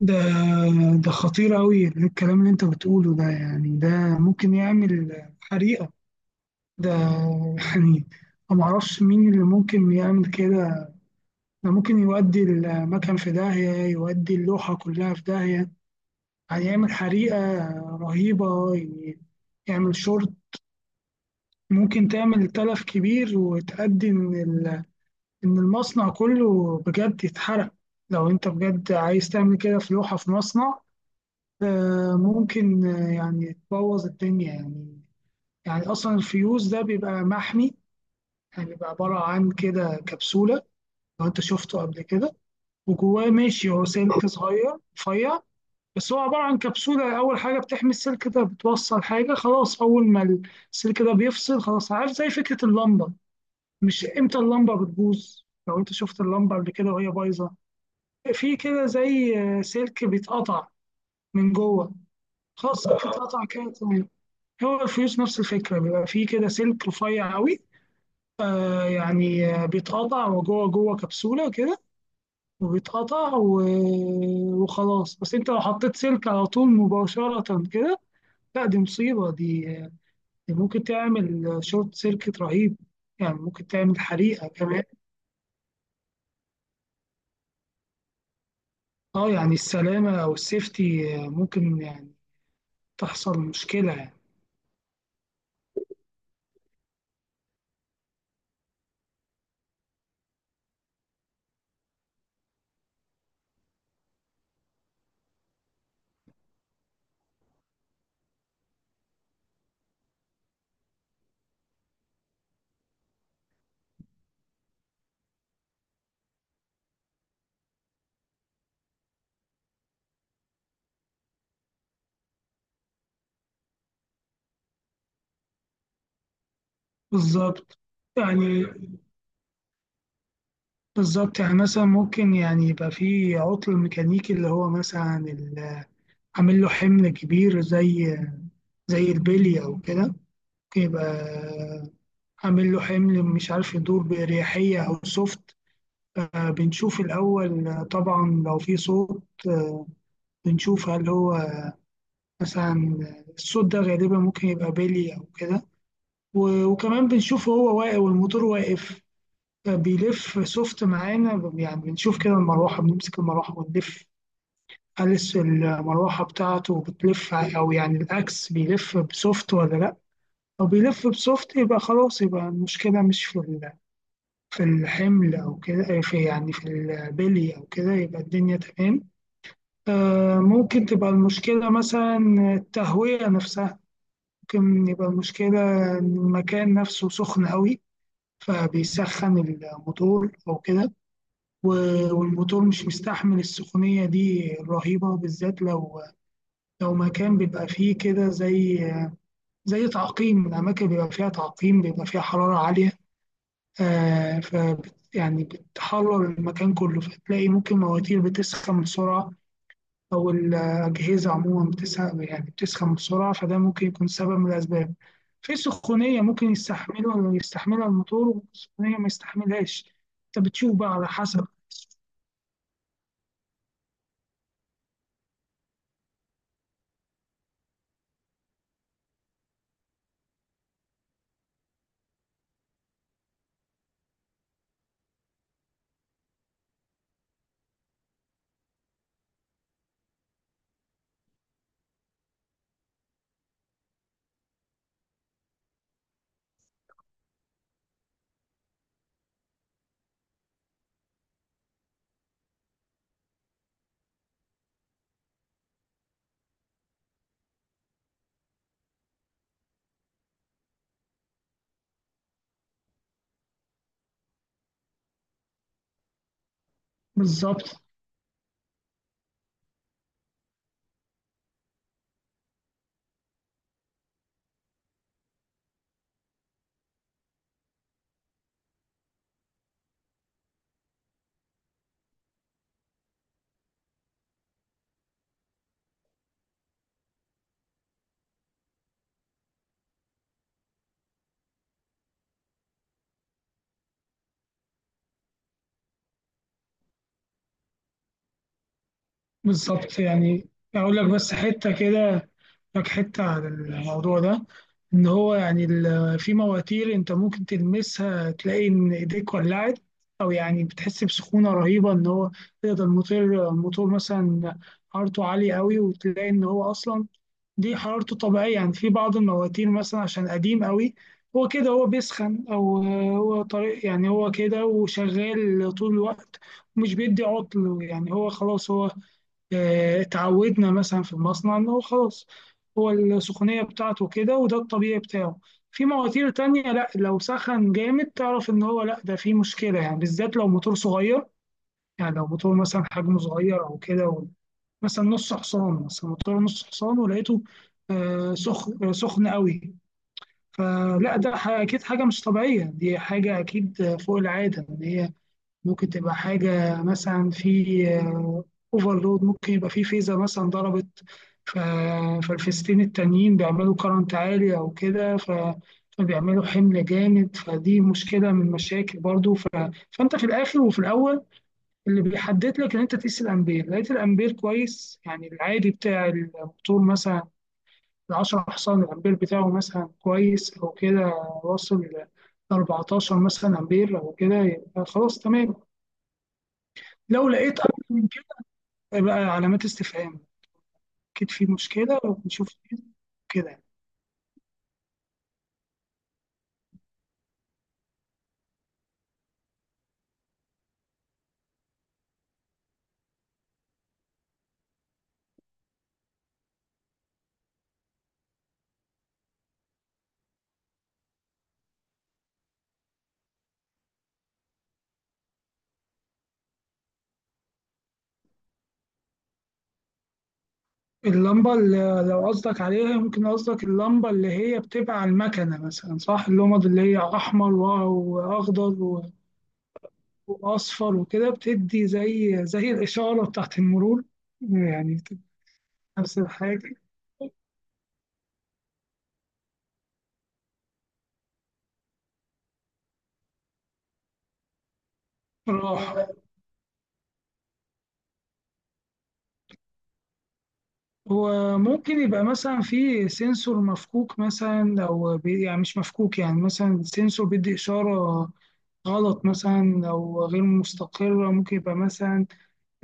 ده ده خطير أوي الكلام اللي أنت بتقوله ده، يعني ده ممكن يعمل حريقة. ده، يعني أنا معرفش مين اللي ممكن يعمل كده. ده ممكن يودي المكان في داهية، يودي اللوحة كلها في داهية، يعني يعمل حريقة رهيبة. يعمل شورت. ممكن تعمل تلف كبير وتأدي إن المصنع كله بجد يتحرق. لو أنت بجد عايز تعمل كده في لوحة في مصنع، ممكن، يعني تبوظ الدنيا يعني. يعني اصلا الفيوز ده بيبقى محمي، يعني بيبقى عباره عن كده كبسوله. لو انت شفته قبل كده، وجواه ماشي هو سلك صغير رفيع. بس هو عباره عن كبسوله، اول حاجه بتحمي السلك ده. بتوصل حاجه خلاص، اول ما السلك ده بيفصل خلاص. عارف زي فكره اللمبه، مش امتى اللمبه بتبوظ؟ لو انت شفت اللمبه قبل كده وهي بايظه، في كده زي سلك بيتقطع من جوه. خلاص السلك اتقطع كده تمام. هو الفيوز نفس الفكرة، بيبقى فيه كده سلك رفيع قوي، يعني بيتقطع وجوه جوه كبسولة كده، وبيتقطع وخلاص. بس انت لو حطيت سلك على طول مباشرة كده، لا دي مصيبة دي، دي ممكن تعمل شورت سيركت رهيب، يعني ممكن تعمل حريقة كمان. اه، يعني السلامة أو السيفتي ممكن يعني تحصل مشكلة يعني. بالظبط، يعني بالظبط، يعني مثلا ممكن يعني يبقى فيه عطل ميكانيكي، اللي هو مثلا عامل له حمل كبير، زي البلي او كده. يبقى عامل له حمل، مش عارف يدور بأريحية او سوفت. بنشوف الأول، طبعا لو في صوت بنشوف هل هو مثلا. الصوت ده غالبا ممكن يبقى بيلي أو كده. وكمان بنشوف هو واقف والموتور واقف. بيلف سوفت معانا، يعني بنشوف كده المروحة، بنمسك المروحة ونلف، هل المروحة بتاعته بتلف، أو يعني الأكس بيلف بسوفت ولا لأ. لو بيلف بسوفت يبقى خلاص، يبقى المشكلة مش في الحمل أو كده، في يعني في البلي أو كده، يبقى الدنيا تمام. ممكن تبقى المشكلة مثلا التهوية نفسها. ممكن يبقى المشكلة إن المكان نفسه سخن أوي، فبيسخن الموتور أو كده. والموتور مش مستحمل السخونية دي الرهيبة، بالذات لو مكان بيبقى فيه كده، زي تعقيم الأماكن، بيبقى فيها تعقيم، بيبقى فيها حرارة عالية. آه ف يعني بتحرر المكان كله، فتلاقي ممكن مواتير بتسخن بسرعة، أو الأجهزة عموما بتسخن، يعني بتسخن بسرعة. فده ممكن يكون سبب من الأسباب. في سخونية ممكن يستحملها الموتور، وسخونية ما يستحملهاش. أنت بتشوف بقى على حسب. بالظبط. بالظبط، يعني أقول لك بس حتة كده، لك حتة عن الموضوع ده. إن هو يعني في مواتير أنت ممكن تلمسها تلاقي إن إيديك ولعت، أو يعني بتحس بسخونة رهيبة، إن هو تقدر. الموتور مثلا حرارته عالية أوي، وتلاقي إن هو أصلا دي حرارته طبيعية. يعني في بعض المواتير مثلا عشان قديم أوي، هو كده، هو بيسخن، أو هو طريق، يعني هو كده وشغال طول الوقت، ومش بيدي عطل، يعني هو خلاص هو. اتعودنا مثلا في المصنع ان هو خلاص، هو السخونية بتاعته كده وده الطبيعي بتاعه. في مواتير تانية لا، لو سخن جامد تعرف ان هو لا، ده في مشكلة، يعني بالذات لو موتور صغير. يعني لو موتور مثلا حجمه صغير او كده مثلا نص حصان، مثلا موتور نص حصان ولقيته آه، سخ آه، سخن قوي. فلا، ده اكيد حاجة مش طبيعية، دي حاجة اكيد فوق العادة، ان هي ممكن تبقى حاجة مثلا في اوفرلود، ممكن يبقى في فيزا مثلا ضربت، ف- فالفيزتين التانيين بيعملوا كرنت عالي أو كده، فبيعملوا حمل جامد، فدي مشكلة من المشاكل برضو فأنت في الآخر وفي الأول، اللي بيحدد لك إن أنت تقيس الأمبير، لقيت الأمبير كويس، يعني العادي بتاع الموتور مثلا ال 10 حصان، الأمبير بتاعه مثلا كويس أو كده، واصل ل 14 مثلا أمبير أو كده، يبقى خلاص تمام. لو لقيت اكتر من كده، يبقى علامات استفهام، اكيد في مشكله ونشوف كده. اللمبه اللي لو قصدك عليها، ممكن قصدك اللمبه اللي هي بتبقى على المكنه مثلا، صح؟ اللمض اللي هي احمر واخضر واصفر وكده، بتدي زي الاشاره بتاعت المرور، يعني بتدي نفس الحاجه. راح، وممكن يبقى مثلا في سنسور مفكوك مثلا، او يعني مش مفكوك، يعني مثلا سنسور بيدي اشاره غلط، مثلا لو غير مستقرة. ممكن يبقى مثلا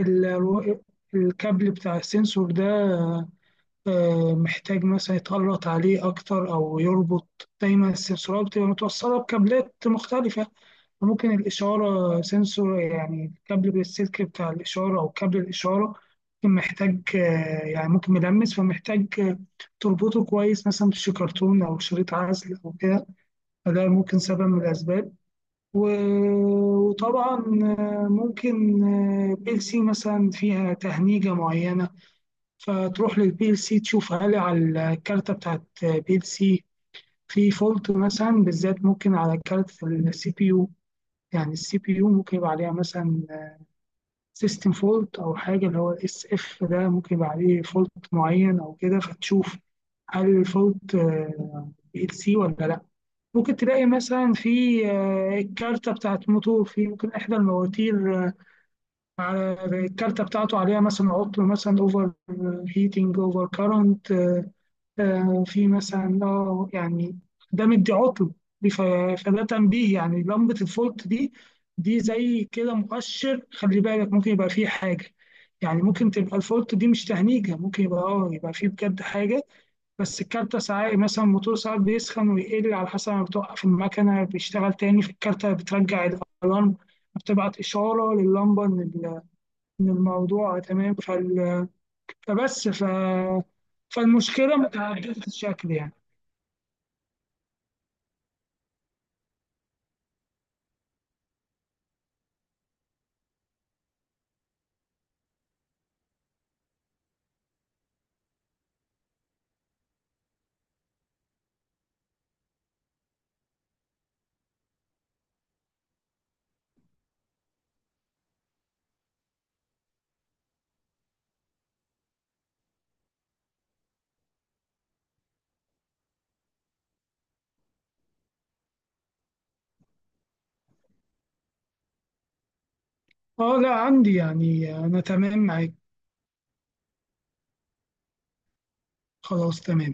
ال- الكابل بتاع السنسور ده محتاج مثلا يتقلط عليه أكتر أو يربط. دايما السنسورات بتبقى متوصلة بكابلات مختلفة، ممكن الإشارة سنسور يعني الكابل بالسلك بتاع الإشارة أو كابل الإشارة، ممكن محتاج يعني ممكن ملمس، فمحتاج تربطه كويس مثلا بشي كرتون أو شريط عزل أو كده. فده ممكن سبب من الأسباب. وطبعا ممكن بي ال سي مثلا فيها تهنيجة معينة. فتروح للبي ال سي تشوف هل على الكارتة بتاعت بي ال سي في فولت مثلا، بالذات ممكن على كارت السي بي يو. يعني السي بي يو ممكن يبقى عليها مثلا سيستم فولت أو حاجة، اللي هو الاس اف ده، ممكن يبقى عليه فولت معين أو كده. فتشوف هل الفولت بي ال سي ولا لأ. ممكن تلاقي مثلا في الكارتة بتاعت موتور، في ممكن إحدى المواتير على الكارتة بتاعته عليها مثلا عطل، مثلا أوفر هيتنج، أوفر كارنت. في مثلا، يعني ده مدي عطل دي فده تنبيه، يعني لمبة الفولت دي، دي زي كده مؤشر، خلي بالك ممكن يبقى فيه حاجة. يعني ممكن تبقى الفولت دي مش تهنيجة، ممكن يبقى يبقى فيه بجد حاجة. بس الكارتة ساعات مثلا، الموتور ساعات بيسخن ويقل على حسب، ما بتوقف المكنة بيشتغل تاني، في الكارتة بترجع الألارم، بتبعت إشارة لللمبة إن إن الموضوع تمام فبس ف... فالمشكلة متعددة الشكل يعني. اه، لا عندي، يعني أنا تمام معاك. خلاص تمام.